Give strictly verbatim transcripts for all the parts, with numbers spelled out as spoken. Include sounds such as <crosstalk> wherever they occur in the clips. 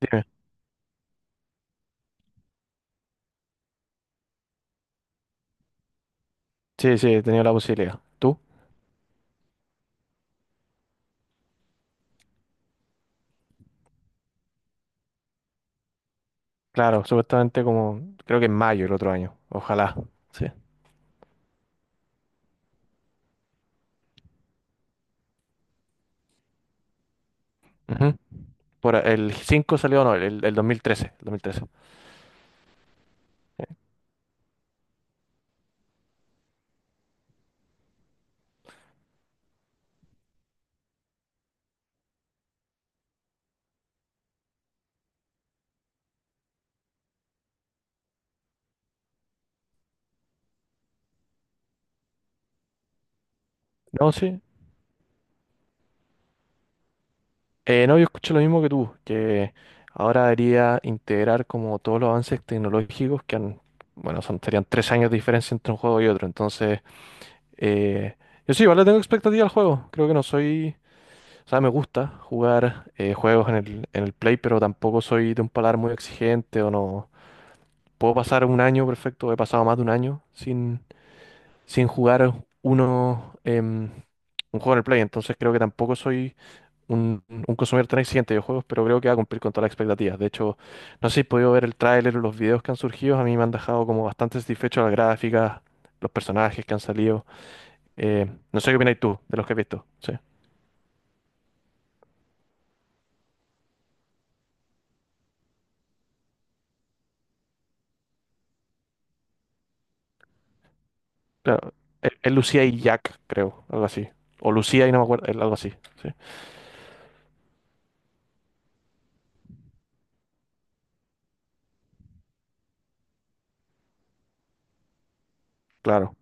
Dime. Sí, sí, he tenido la posibilidad. ¿Tú? Claro, supuestamente como, creo que en mayo el otro año. Ojalá. Sí. Ujú. Por a- el cinco salió, no, el, el dos mil trece, el dos mil trece. No, sí. Eh, no, yo escucho lo mismo que tú, que ahora debería integrar como todos los avances tecnológicos que han, bueno, son, serían tres años de diferencia entre un juego y otro. Entonces, eh, yo sí, vale, tengo expectativa al juego. Creo que no soy, o sea, me gusta jugar eh, juegos en el, en el Play, pero tampoco soy de un paladar muy exigente o no. Puedo pasar un año perfecto, he pasado más de un año sin, sin jugar uno, em, un juego en el Play. Entonces, creo que tampoco soy un, un consumidor tan exigente de juegos, pero creo que va a cumplir con todas las expectativas. De hecho, no sé si he podido ver el tráiler o los videos que han surgido, a mí me han dejado como bastante satisfecho las gráficas, los personajes que han salido. Eh, no sé qué opinas tú de los que has visto. Sí. Claro, es, es Lucía y Jack, creo, algo así. O Lucía y no me acuerdo, es algo así. Sí. Claro,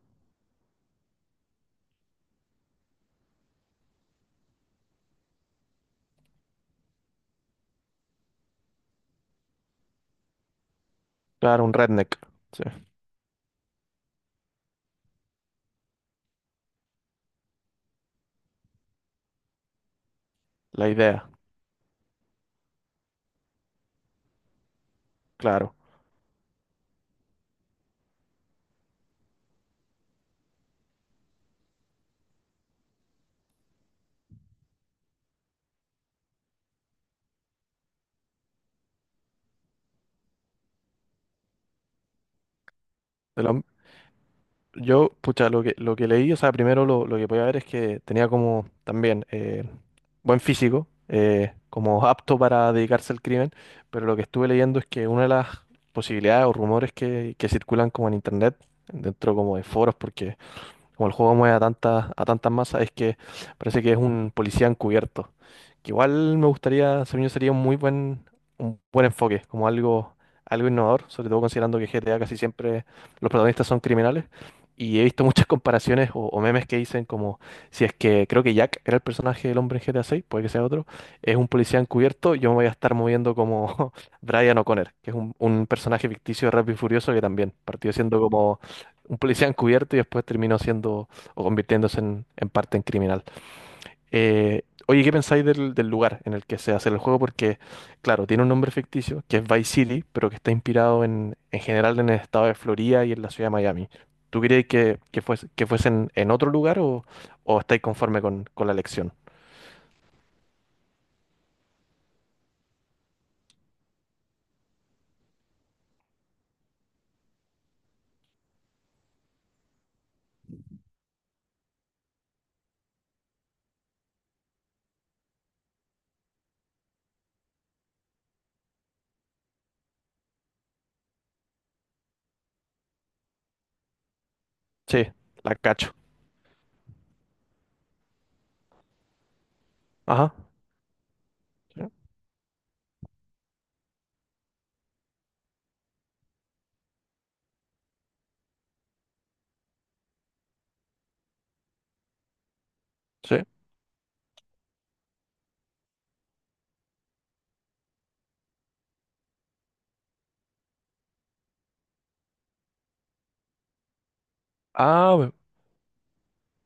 claro, un redneck. Sí. La idea, claro. El hom- yo, pucha, lo que, lo que leí, o sea, primero lo, lo que podía ver es que tenía como también eh, buen físico, eh, como apto para dedicarse al crimen, pero lo que estuve leyendo es que una de las posibilidades o rumores que, que circulan como en internet, dentro como de foros, porque como el juego mueve a tantas, a tantas masas, es que parece que es un policía encubierto. Que igual me gustaría, según yo, sería un muy buen, un buen enfoque, como algo, algo innovador, sobre todo considerando que G T A casi siempre los protagonistas son criminales. Y he visto muchas <laughs> comparaciones o, o memes que dicen como si es que creo que Jack era el personaje del hombre en G T A seis, puede que sea otro, es un policía encubierto, yo me voy a estar moviendo como <laughs> Brian O'Connor, que es un, un personaje ficticio de Rápido y Furioso, que también partió siendo como un policía encubierto y después terminó siendo o convirtiéndose en, en parte en criminal. Eh, oye, ¿qué pensáis del, del lugar en el que se hace el juego? Porque, claro, tiene un nombre ficticio que es Vice City, pero que está inspirado en, en general en el estado de Florida y en la ciudad de Miami. ¿Tú creéis que, que fuese, que fuese en, en otro lugar o, o estáis conforme con, con la elección? Sí, la cacho. Ajá. Sí. sí. Ah, bu-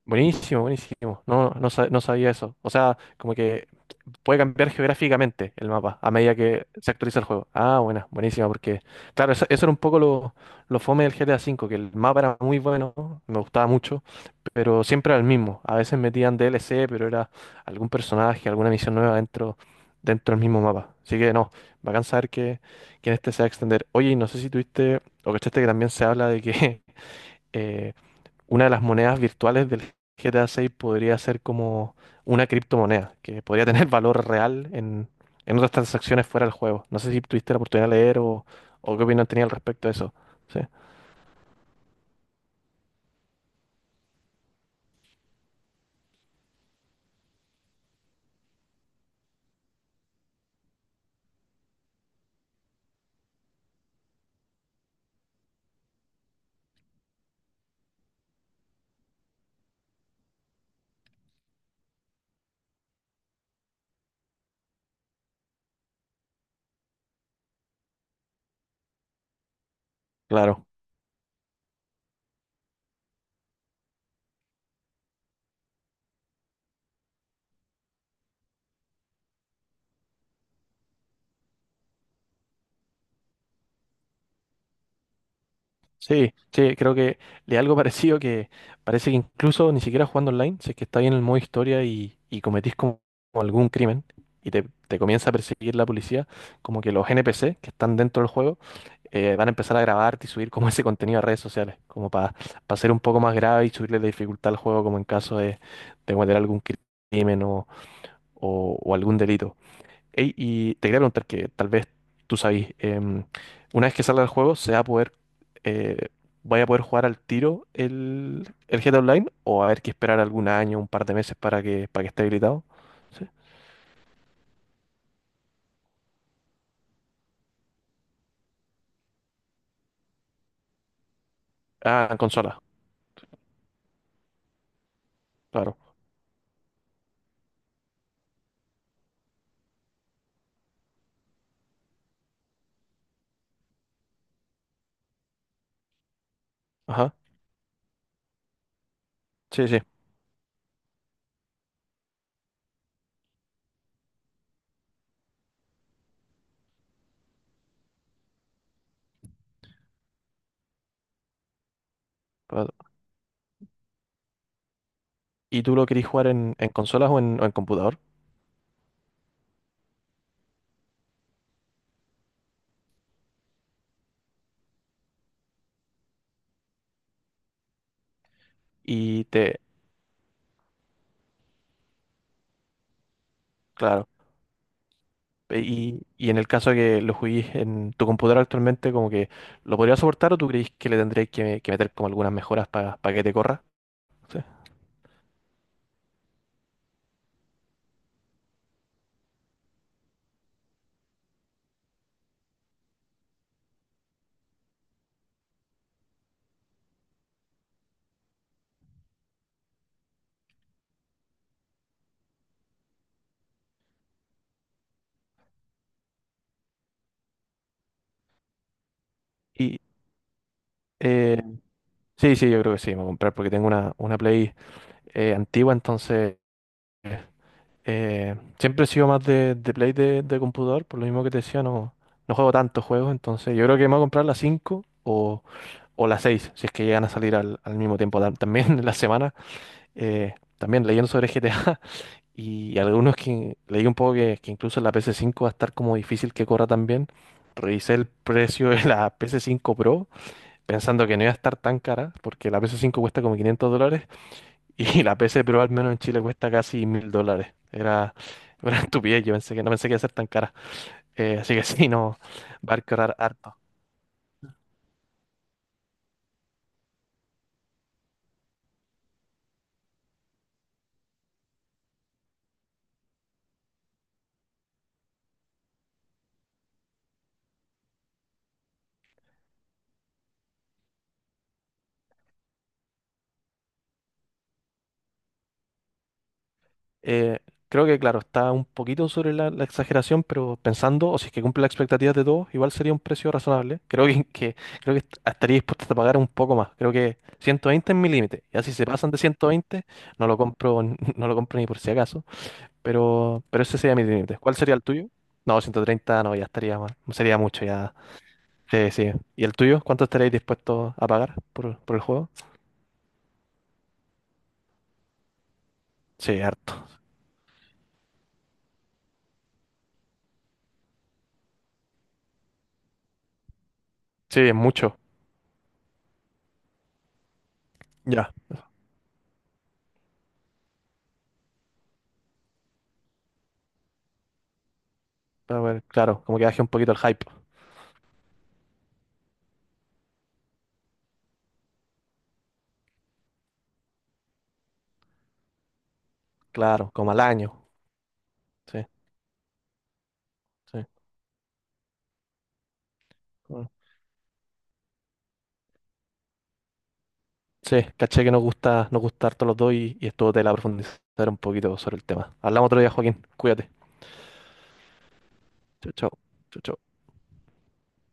buenísimo, buenísimo. No, no, sa- no sabía eso. O sea, como que puede cambiar geográficamente el mapa a medida que se actualiza el juego. Ah, buena, buenísima, porque, claro, eso, eso era un poco lo, lo fome del G T A cinco, que el mapa era muy bueno, me gustaba mucho, pero siempre era el mismo. A veces metían D L C, pero era algún personaje, alguna misión nueva dentro, dentro, del mismo mapa. Así que no, bacán saber que, que en este se va a extender. Oye, y no sé si tuviste o cachaste que también se habla de que. <laughs> eh, una de las monedas virtuales del G T A seis podría ser como una criptomoneda, que podría tener <laughs> valor real en, en otras transacciones fuera del juego. No sé si tuviste la oportunidad de leer, o, o qué opinión tenía al respecto de eso. Sí, claro. Sí, sí, creo que le algo <laughs> parecido, que parece que incluso ni siquiera jugando online, si es que está bien en el modo historia y, y cometís como como algún crimen y te, te comienza a perseguir la policía, como que los N P C que están dentro del juego eh, van a empezar a grabarte y subir como <laughs> ese contenido a redes sociales, como para ser un poco más grave y subirle la dificultad al juego como en caso de, de cometer algún crimen o, o- o algún delito. Ey, y te quería preguntar que tal vez tú sabes, em, una vez que salga el juego, ¿se va a poder, eh, vaya a poder jugar al tiro el, el G T A Online o va a haber que esperar algún año, un par de meses para que, para que esté habilitado? Sí. Ah, en consola, claro. Ajá, sí, sí. Pa- ¿Y tú lo querés jugar en, en consolas o en, o en computador? Y te, claro. e- Y, y en el caso de que lo juguís en tu computador actualmente, como que, ¿lo podrías soportar o tú creís que le tendrías que, que meter como algunas mejoras para que te corra? Y eh, sí, sí, yo creo que sí, me voy a comprar porque tengo una, una Play eh, antigua. Entonces, eh, siempre he sido más de, de Play de, de computador, por lo mismo que te decía, no, no juego tantos juegos. Entonces yo creo que me voy a comprar la cinco o, o la seis, si es que llegan a salir al, al mismo tiempo tam- también en la semana. Eh, también leyendo sobre G T A, <laughs> y algunos que leí un poco, que, que incluso en la ps cinco va a estar como difícil que corra también. Revisé el precio de la ps cinco Pro pensando que no iba a estar tan cara, porque la P S cinco cuesta como quinientos dólares, <laughs> y la P C Pro al menos en Chile cuesta casi mil dólares. Era <laughs> una estupidez. Yo pensé que no, pensé que iba a ser tan cara. Eh, así que <laughs> sí, no, va a ahorrar harto. Eh, Creo que, claro, está un poquito sobre la, la exageración, pero pensando, o si es que cumple las expectativas de todos, igual sería un precio razonable. Creo que, que- creo que est- estaría dispuesto a pagar un poco más. Creo que ciento veinte es mi límite. Ya si se pasan de ciento veinte, no lo compro, n- <laughs> no lo compro ni por si acaso. Pero, pero ese sería mi límite. ¿Cuál sería el tuyo? No, ciento treinta no, ya estaría mal. Sería mucho, ya. Sí, sí. ¿Y el tuyo? ¿Cuánto estaréis dispuestos a pagar por, por el juego? Sí, harto. Sí, es mucho. Ya. Pero bueno, claro, como que baje un poquito el hype. Claro, como al año. Sí, sí. Bueno. Sí, caché que nos gusta, nos gusta, harto los dos, y, y estuvo tela profundizar un poquito sobre el tema. Hablamos otro día, Joaquín. Cuídate. Chao, chao. Chao, chao.